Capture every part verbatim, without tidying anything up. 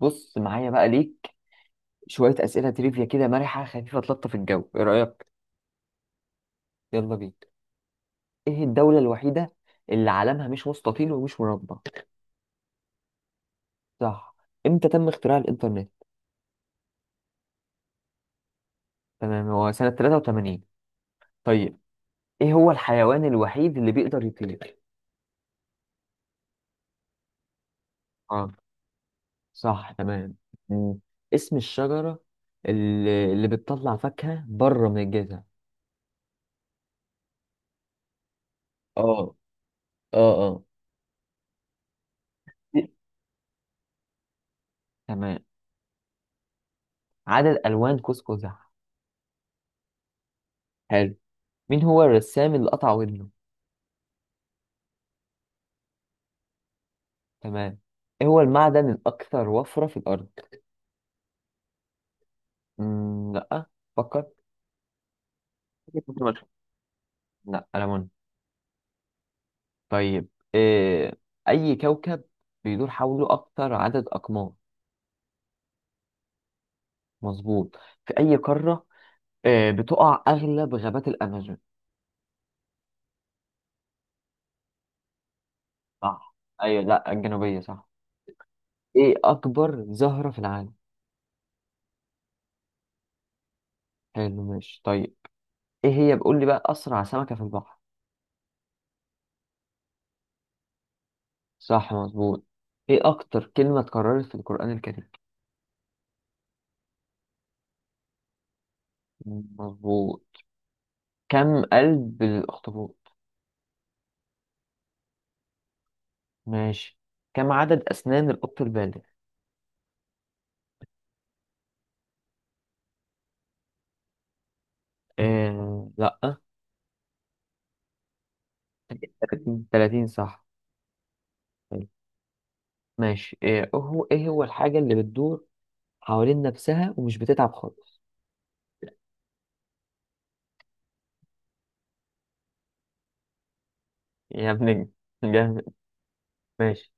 بص معايا بقى ليك شوية أسئلة تريفيا كده مرحة خفيفة تلطف الجو، إيه رأيك؟ يلا بينا. إيه الدولة الوحيدة اللي علمها مش مستطيل ومش مربع؟ صح. إمتى تم اختراع الإنترنت؟ تمام، هو سنة تلاتة وتمانين. طيب، إيه هو الحيوان الوحيد اللي بيقدر يطير؟ آه، صح تمام. مم. اسم الشجرة اللي, اللي بتطلع فاكهة بره من الجذع. اه اه اه. تمام. عدد ألوان قوس قزح. حلو. مين هو الرسام اللي قطع ودنه؟ تمام. ايه هو المعدن الاكثر وفرة في الارض؟ مم، لا، فكر. لا، ألمون. طيب، إيه، أي كوكب بيدور حوله أكتر عدد أقمار؟ مظبوط. في أي قارة إيه بتقع أغلب غابات الأمازون؟ صح، أيوة، لا الجنوبية صح. إيه أكبر زهرة في العالم؟ حلو، ماشي، طيب. إيه هي، بقول لي بقى، أسرع سمكة في البحر؟ صح مظبوط. إيه أكتر كلمة اتكررت في القرآن الكريم؟ مظبوط. كم قلب للأخطبوط؟ ماشي. كم عدد أسنان القط البالغ؟ آه... لأ، تلاتين تلاتين صح. حلو. ماشي، إيه هو إيه هو الحاجة اللي بتدور حوالين نفسها ومش بتتعب خالص؟ يا ابن ال- جامد. ماشي.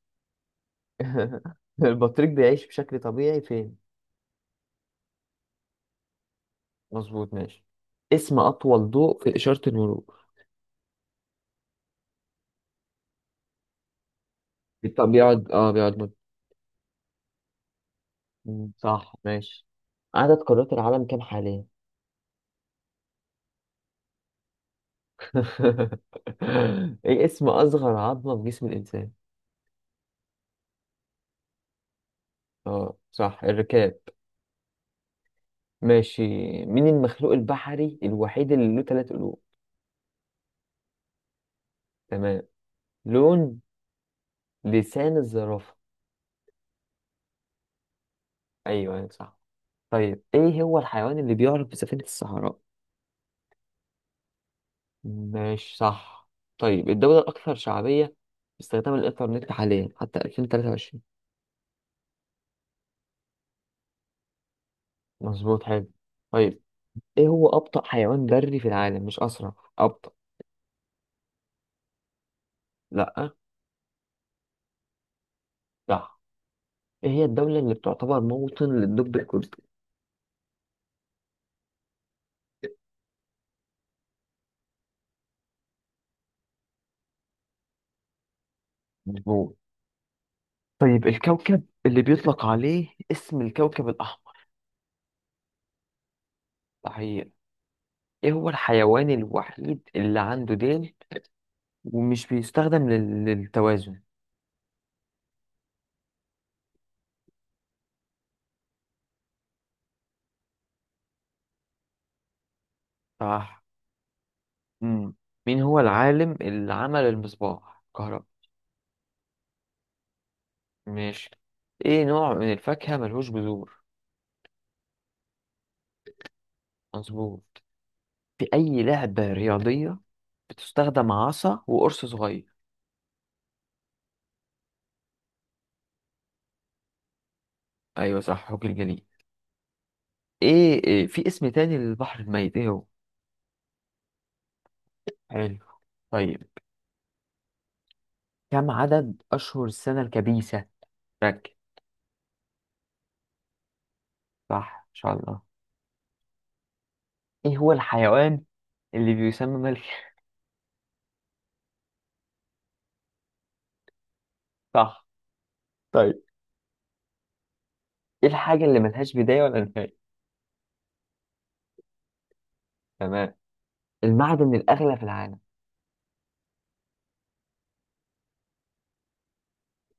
البطريق بيعيش بشكل طبيعي فين؟ مظبوط ماشي. اسم أطول ضوء في إشارة المرور. طب بيقعد اه بيقعد مد... مم، صح ماشي. عدد قارات العالم كام حاليا؟ ايه اسم اصغر عظمة في جسم الانسان؟ اه صح الركاب. ماشي. مين المخلوق البحري الوحيد اللي له ثلاث قلوب؟ تمام. لون لسان الزرافة. ايوه أيوة، صح. طيب، ايه هو الحيوان اللي بيعرف بسفينة الصحراء؟ ماشي صح. طيب، الدولة الأكثر شعبية باستخدام الإنترنت حاليا حتى ألفين وتلاتة وعشرين. مظبوط حلو. طيب، ايه هو أبطأ حيوان بري في العالم، مش أسرع، أبطأ. لأ. صح. ايه هي الدولة اللي بتعتبر موطن للدب الكردي؟ مظبوط. طيب، الكوكب اللي بيطلق عليه اسم الكوكب الأحمر. صحيح. ايه هو الحيوان الوحيد اللي عنده ديل ومش بيستخدم لل- للتوازن؟ صح. امم. مين هو العالم اللي عمل المصباح كهرباء؟ ماشي. ايه نوع من الفاكهة ملهوش جذور؟ مظبوط. في أي لعبة رياضية بتستخدم عصا وقرص صغير؟ أيوة صح، حوك الجليد. إيه, إيه في اسم تاني للبحر الميت، إيه هو؟ حلو. طيب، كم عدد أشهر السنة الكبيسة؟ ركز. صح إن شاء الله. إيه هو الحيوان اللي بيسمى ملك؟ صح. طيب، إيه الحاجة اللي ملهاش بداية ولا نهاية؟ تمام. المعدن الأغلى في العالم.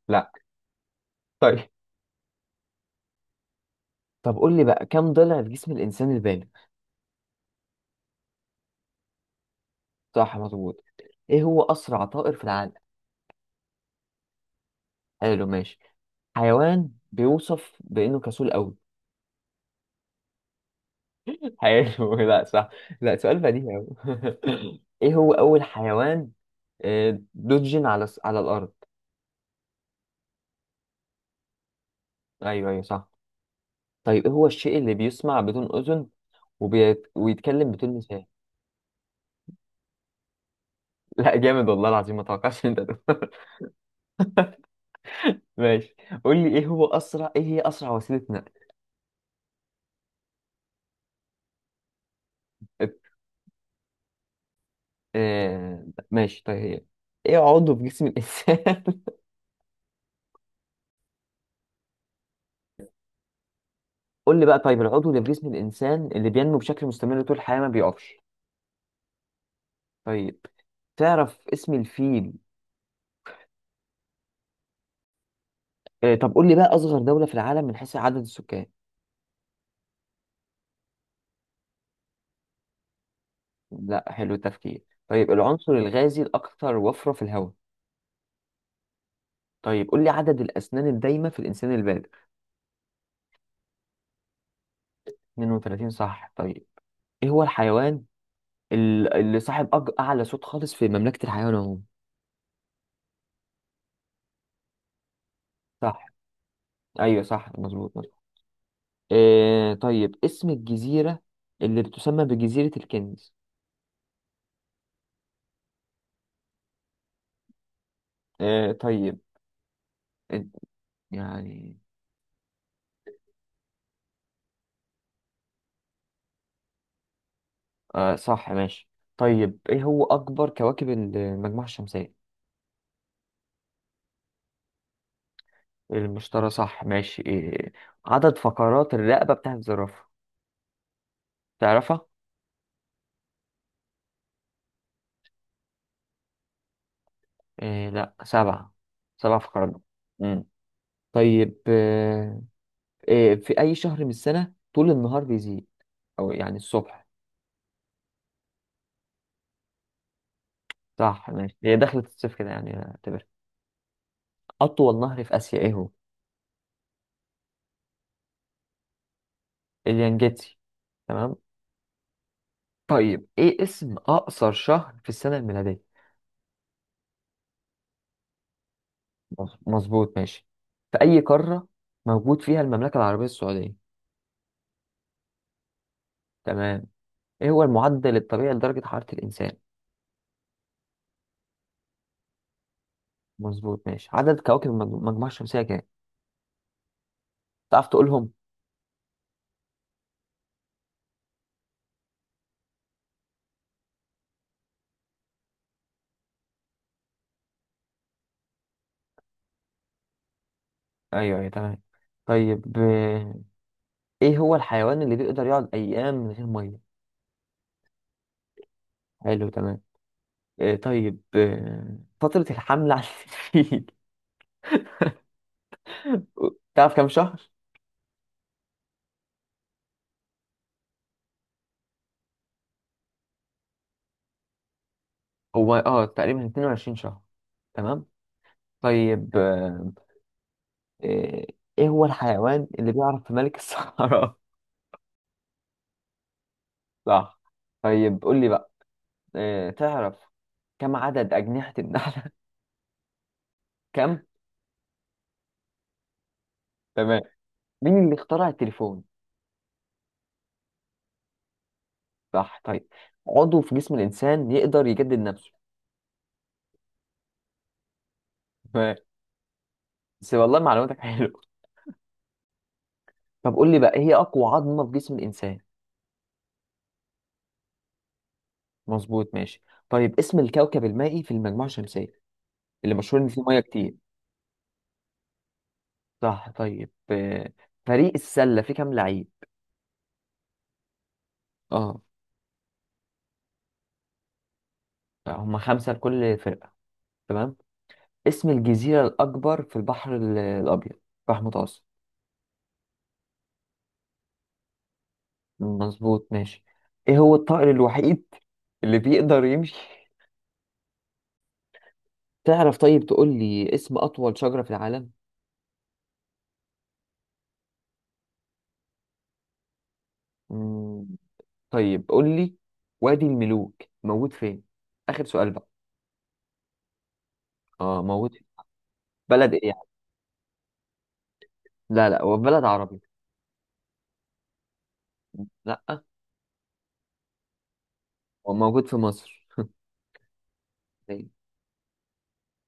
لا. طيب، طب قول لي بقى كم ضلع في جسم الإنسان البالغ؟ صح مظبوط. إيه هو أسرع طائر في العالم؟ حلو ماشي. حيوان بيوصف بإنه كسول أوي. حلو لا صح. لا، سؤال بديهي أوي. إيه هو أول حيوان آه، له جين على الس- على الأرض؟ أيوه أيوه صح. طيب، إيه هو الشيء اللي بيسمع بدون أذن وبيت... ويتكلم بدون لسان؟ لا، جامد والله العظيم، ما توقعتش إن أنت تقول. ماشي. قول لي إيه هو أسرع إيه هي أسرع وسيلة نقل؟ ات- آه... ماشي. طيب، هي إيه عضو في جسم الإنسان؟ قول لي بقى، طيب، العضو اللي في جسم الإنسان اللي بينمو بشكل مستمر طول الحياة ما بيقفش. طيب، تعرف اسم الفيل؟ آه، طب قول لي بقى أصغر دولة في العالم من حيث عدد السكان. لا، حلو التفكير. طيب، العنصر الغازي الأكثر وفرة في الهواء. طيب، قول لي عدد الأسنان الدايمة في الإنسان البالغ. اثنين وثلاثين صح. طيب، إيه هو الحيوان ال- اللي صاحب أج- أعلى صوت خالص في مملكة الحيوان عموما؟ صح، أيوه صح مظبوط مظبوط. آه، طيب، اسم الجزيرة اللي بتسمى بجزيرة الكنز. آه طيب. إن- يعني، آه صح ماشي. طيب، إيه هو أكبر كواكب المجموعة الشمسية؟ المشترى صح ماشي. إيه. عدد فقرات الرقبة بتاعت الزرافة، تعرفها؟ إيه، لا سبعة، سبع فقرات. مم. طيب، آه، إيه في أي شهر من السنة طول النهار بيزيد، أو يعني الصبح؟ صح ماشي. هي دخلت الصيف كده يعني اعتبر. أطول نهر في آسيا إيه هو؟ اليانجيتسي. تمام. طيب، إيه اسم أقصر شهر في السنة الميلادية؟ مظ- مظبوط ماشي. في أي قارة موجود فيها المملكة العربية السعودية؟ تمام. ايه هو المعدل الطبيعي لدرجة حرارة الإنسان؟ مظبوط ماشي. عدد كواكب المج- المجموعة الشمسية كام؟ تعرف تقولهم؟ أيوه أيوه تمام. طيب، آه، ايه هو الحيوان اللي بيقدر يقعد أيام من غير مية؟ حلو تمام. آه، طيب، آه، فترة الحمل على الفيل. تعرف كام شهر؟ هو اه تقريبا اتنين وعشرين شهر. تمام. طيب، آه، آه، ايه هو الحيوان اللي بيعرف في ملك الصحراء؟ صح. طيب، قول لي بقى، آه، تعرف كم عدد أجنحة النمل؟ كم؟ تمام. مين اللي اخترع التليفون؟ صح طيب. عضو في جسم الإنسان يقدر يجدد نفسه. تمام. بس والله معلوماتك حلوة. طب قول لي بقى إيه هي أقوى عظمة في جسم الإنسان؟ مظبوط ماشي. طيب، اسم الكوكب المائي في المجموعة الشمسية اللي مشهور إن فيه مية كتير. صح. طيب، آه، فريق السلة فيه كام لعيب؟ اه. هم خمسة لكل فرقة. تمام. اسم الجزيرة الأكبر في البحر ال- الأبيض، البحر المتوسط. مظبوط ماشي. إيه هو الطائر الوحيد اللي بيقدر يمشي، تعرف؟ طيب، تقول لي اسم أطول شجرة في العالم؟ مم. طيب، قول لي وادي الملوك موجود فين؟ آخر سؤال بقى. اه، موجود في بلد إيه يعني؟ لا لا، هو في بلد عربي. لا. هو موجود في مصر.